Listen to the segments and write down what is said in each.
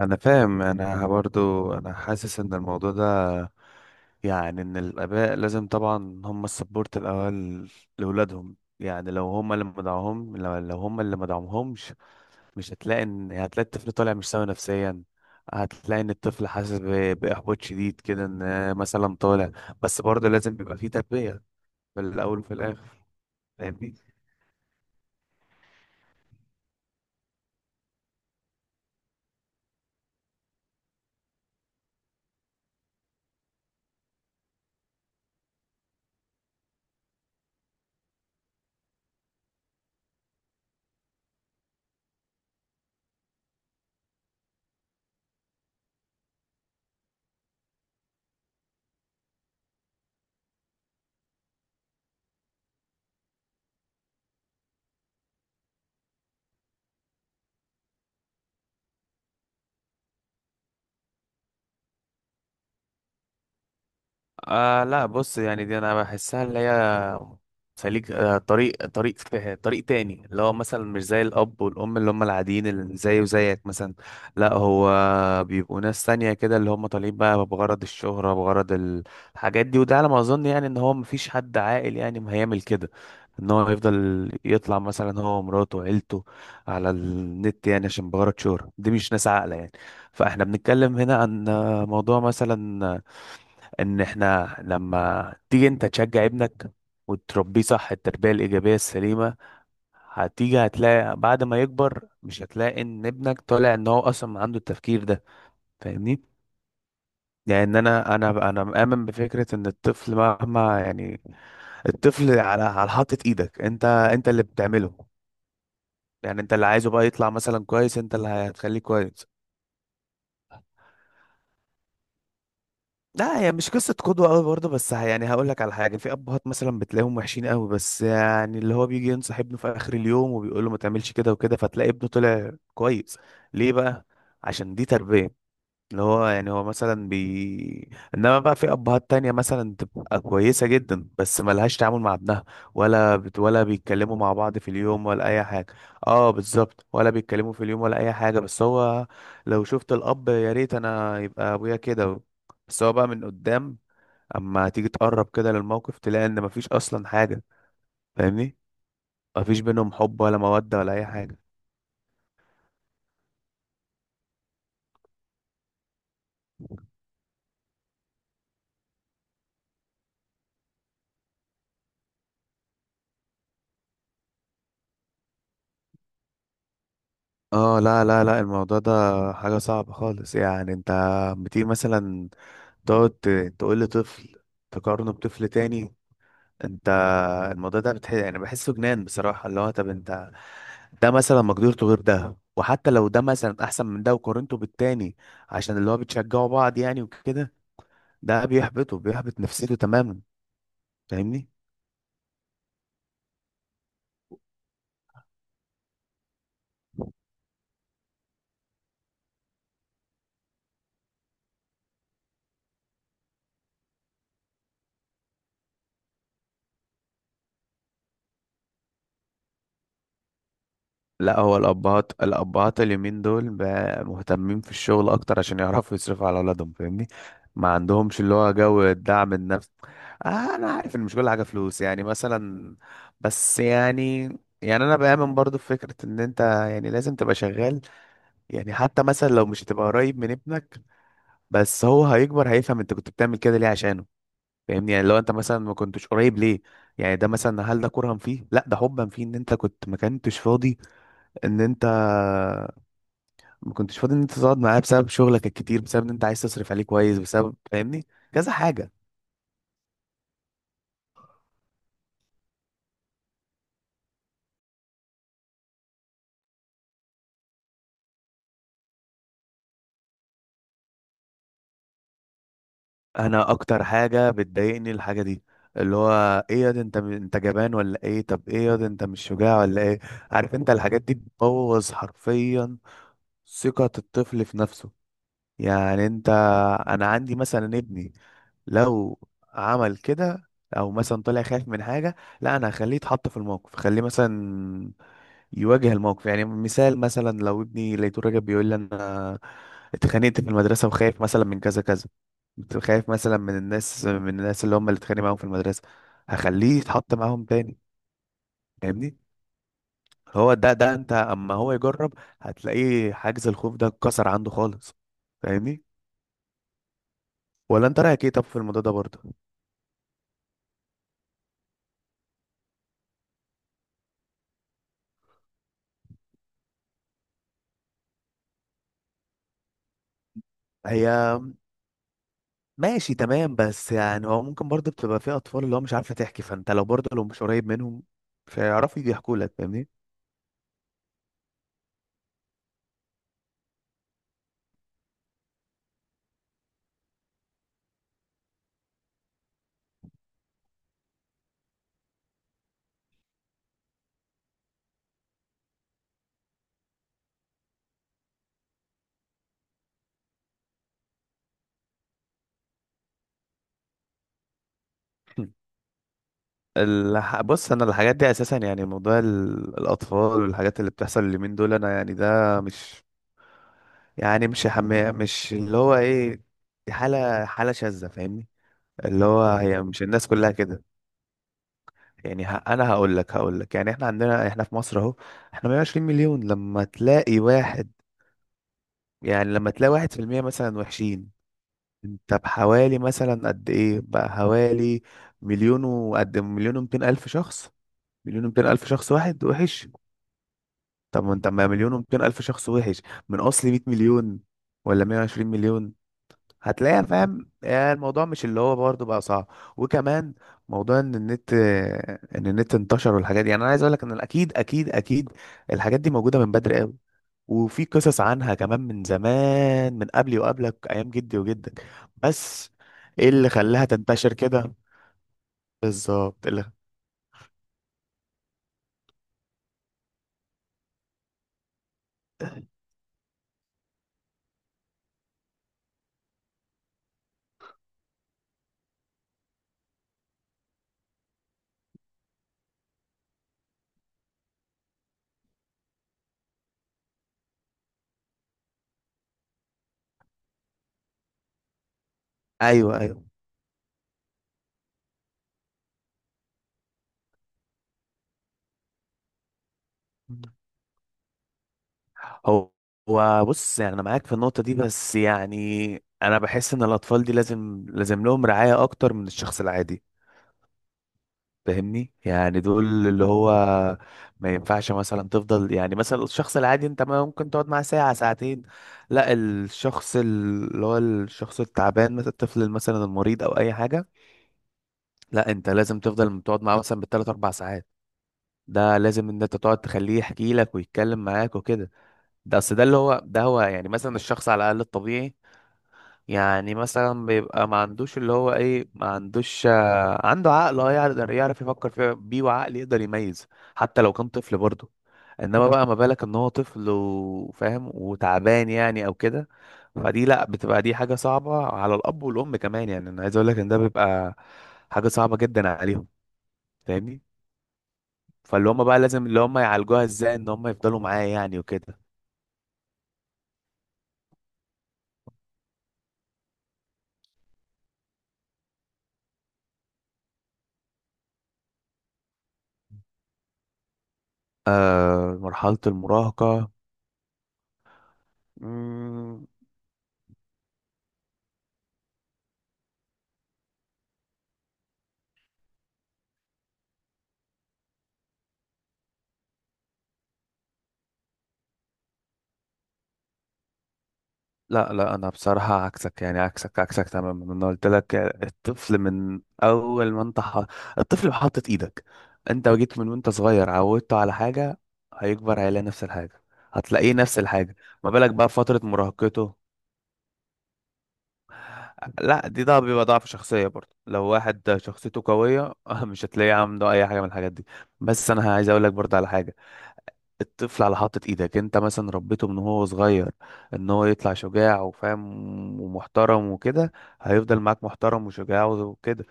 انا فاهم انا برضو انا حاسس ان الموضوع ده يعني ان الاباء لازم طبعا هم السبورت الاول لاولادهم، يعني لو هم اللي مدعوهم لو هم اللي مدعوهمش مش هتلاقي ان هتلاقي الطفل طالع مش سوي نفسيا. هتلاقي ان الطفل حاسس باحباط شديد كده، ان مثلا طالع. بس برضه لازم بيبقى فيه تربية في الاول وفي الاخر. فاهمني؟ لا بص، يعني دي انا بحسها اللي هي سليك. طريق فيه طريق تاني اللي هو مثلا مش زي الاب والام اللي هم العاديين اللي زي وزيك مثلا. لا هو بيبقوا ناس تانية كده، اللي هم طالعين بقى بغرض الشهرة، بغرض الحاجات دي. وده على ما اظن يعني ان هو مفيش حد عاقل يعني ما هيعمل كده، ان هو يفضل يطلع مثلا هو ومراته وعيلته على النت، يعني عشان بغرض شهرة. دي مش ناس عاقلة يعني. فاحنا بنتكلم هنا عن موضوع مثلا ان احنا لما تيجي انت تشجع ابنك وتربيه صح التربية الإيجابية السليمة، هتيجي هتلاقي بعد ما يكبر مش هتلاقي ان ابنك طالع ان هو اصلا عنده التفكير ده. فاهمني؟ يعني انا مؤمن بفكرة ان الطفل مهما يعني، الطفل على حاطة ايدك، انت اللي بتعمله. يعني انت اللي عايزه بقى يطلع مثلا كويس، انت اللي هتخليه كويس. لا هي مش قصة قدوة قوي برضه، بس يعني هقول لك على حاجة. في أبهات مثلا بتلاقيهم وحشين قوي، بس يعني اللي هو بيجي ينصح ابنه في آخر اليوم وبيقول له ما تعملش كده وكده، فتلاقي ابنه طلع كويس. ليه بقى؟ عشان دي تربية. اللي هو يعني هو مثلا انما بقى في ابهات تانية مثلا تبقى كويسة جدا بس ملهاش تعامل مع ابنها، ولا بيتكلموا مع بعض في اليوم ولا اي حاجة. اه بالظبط، ولا بيتكلموا في اليوم ولا اي حاجة. بس هو لو شفت الاب يا ريت انا يبقى ابويا كده، بس هو بقى من قدام. اما تيجي تقرب كده للموقف تلاقي ان مفيش اصلا حاجة. فاهمني؟ مفيش بينهم حب ولا مودة ولا اي حاجة. اه لا الموضوع ده حاجة صعبة خالص. يعني انت بتيجي مثلا تقعد تقول لطفل تقارنه بطفل تاني. انت الموضوع ده يعني بحسه جنان بصراحة. اللي هو طب انت ده مثلا مقدرته غير ده، وحتى لو ده مثلا احسن من ده وقارنته بالتاني عشان اللي هو بتشجعوا بعض يعني وكده، ده بيحبطه، بيحبط نفسيته تماما. فاهمني؟ لا هو الأبهات، الأبهات اليومين دول بقى مهتمين في الشغل أكتر عشان يعرفوا يصرفوا على أولادهم. فاهمني؟ ما عندهمش اللي هو جو الدعم النفسي. آه أنا عارف إن مش كل حاجة فلوس يعني مثلا، بس يعني، يعني أنا بآمن برضو في فكرة إن أنت يعني لازم تبقى شغال. يعني حتى مثلا لو مش هتبقى قريب من ابنك، بس هو هيكبر هيفهم انت كنت بتعمل كده ليه، عشانه. فاهمني؟ يعني لو انت مثلا ما كنتش قريب ليه، يعني ده مثلا هل ده كرها فيه؟ لا، ده حبا فيه، ان انت كنت ما كنتش فاضي، ان انت ما كنتش فاضي ان انت تقعد معاه بسبب شغلك الكتير، بسبب ان انت عايز تصرف عليه كويس، بسبب فاهمني كذا حاجة. انا اكتر حاجة بتضايقني الحاجة دي، اللي هو ايه يا ده انت جبان ولا ايه، طب ايه يا ده انت مش شجاع ولا ايه. عارف انت الحاجات دي بتبوظ حرفيا ثقة الطفل في نفسه. يعني انت، انا عندي مثلا ابني، لو عمل كده او مثلا طلع خايف من حاجة، لا انا هخليه يتحط في الموقف، خليه مثلا يواجه الموقف. يعني مثال مثلا لو ابني لقيته راجع بيقول لي انا اتخانقت في المدرسة وخايف مثلا من كذا كذا، كنت خايف مثلا من الناس، من الناس اللي هم اللي اتخانق معاهم في المدرسة، هخليه يتحط معاهم تاني. فاهمني؟ هو ده، ده انت اما هو يجرب هتلاقيه حاجز الخوف ده اتكسر عنده خالص. فاهمني؟ ولا انت رايك ايه طب في الموضوع ده برضه؟ هي ماشي تمام، بس يعني هو ممكن برضه بتبقى في اطفال اللي هو مش عارفه تحكي، فانت لو برضه لو مش قريب منهم مش هيعرفوا يحكوا لك. فاهمني؟ بص انا الحاجات دي اساسا، يعني موضوع الاطفال والحاجات اللي بتحصل اليومين دول، انا يعني ده مش يعني مش اللي هو ايه، دي حاله شاذه. فاهمني؟ اللي هو هي مش الناس كلها كده. يعني انا هقول لك يعني احنا عندنا، احنا في مصر اهو احنا 120 مليون، لما تلاقي واحد، يعني لما تلاقي واحد في المية مثلا وحشين، انت بحوالي مثلا قد ايه بقى؟ حوالي مليون ومتين الف شخص. مليون ومتين الف شخص واحد وحش. طب ما انت، ما مليون ومتين الف شخص وحش من اصل 100 مليون ولا 120 مليون هتلاقيها. فاهم؟ يعني الموضوع مش اللي هو برضه بقى صعب. وكمان موضوع ان النت انتشر والحاجات دي، يعني انا عايز اقول لك ان اكيد اكيد الحاجات دي موجوده من بدري قوي، وفي قصص عنها كمان من زمان، من قبلي وقبلك ايام جدي وجدك. بس ايه اللي خلاها تنتشر كده بالظبط؟ إيه اللي؟ ايوه هو هو بص، يعني انا معاك في النقطه دي بس يعني انا بحس ان الاطفال دي لازم، لازم لهم رعايه اكتر من الشخص العادي. فاهمني؟ يعني دول اللي هو ما ينفعش مثلا تفضل، يعني مثلا الشخص العادي انت ما ممكن تقعد معاه ساعة ساعتين. لا، الشخص اللي هو الشخص التعبان مثلا، الطفل مثلا المريض او اي حاجة، لا انت لازم تفضل تقعد معاه مثلا بالثلاث اربع ساعات. ده لازم ان انت تقعد تخليه يحكي لك ويتكلم معاك وكده. ده اصل ده اللي هو ده هو يعني مثلا الشخص على الاقل الطبيعي، يعني مثلا بيبقى ما عندوش اللي هو ايه، ما عندوش عنده عقل اه يقدر يعرف يفكر فيه بيه، وعقل يقدر يميز، حتى لو كان طفل برضه. انما بقى ما بالك ان هو طفل وفاهم وتعبان يعني او كده، فدي لا بتبقى دي حاجة صعبة على الاب والام كمان. يعني انا عايز اقول لك ان ده بيبقى حاجة صعبة جدا عليهم. فاهمني؟ فاللي هم بقى لازم اللي هم يعالجوها ازاي ان هم يفضلوا معاه يعني وكده. آه، مرحلة المراهقة. لا لا، انا بصراحة عكسك، يعني عكسك تماما. انا قلت لك الطفل من اول ما انت الطفل بحطت ايدك، انت جيت من وانت صغير عودته على حاجة، هيكبر هيلاقي نفس الحاجة، هتلاقيه نفس الحاجة. ما بالك بقى في فترة مراهقته؟ لا دي، ده بيبقى ضعف شخصية برضه. لو واحد شخصيته قوية مش هتلاقيه عنده اي حاجة من الحاجات دي. بس انا عايز اقول لك برضه على حاجة، الطفل على حاطة ايدك، انت مثلا ربيته من هو صغير ان هو يطلع شجاع وفاهم ومحترم وكده، هيفضل معاك محترم وشجاع وكده.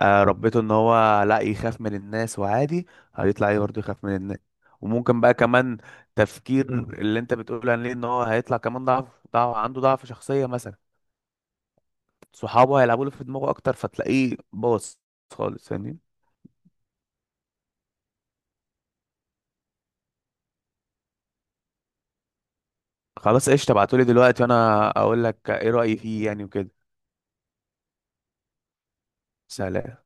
آه ربيته ان هو لا يخاف من الناس وعادي، هيطلع ايه برضه؟ يخاف من الناس. وممكن بقى كمان تفكير اللي انت بتقول عليه ان هو هيطلع كمان ضعف، عنده ضعف شخصية مثلا، صحابه هيلعبوا له في دماغه اكتر فتلاقيه باظ خالص يعني. خلاص قشطة، ابعتولي دلوقتي وانا اقول لك ايه رأيي فيه يعني وكده. سلام.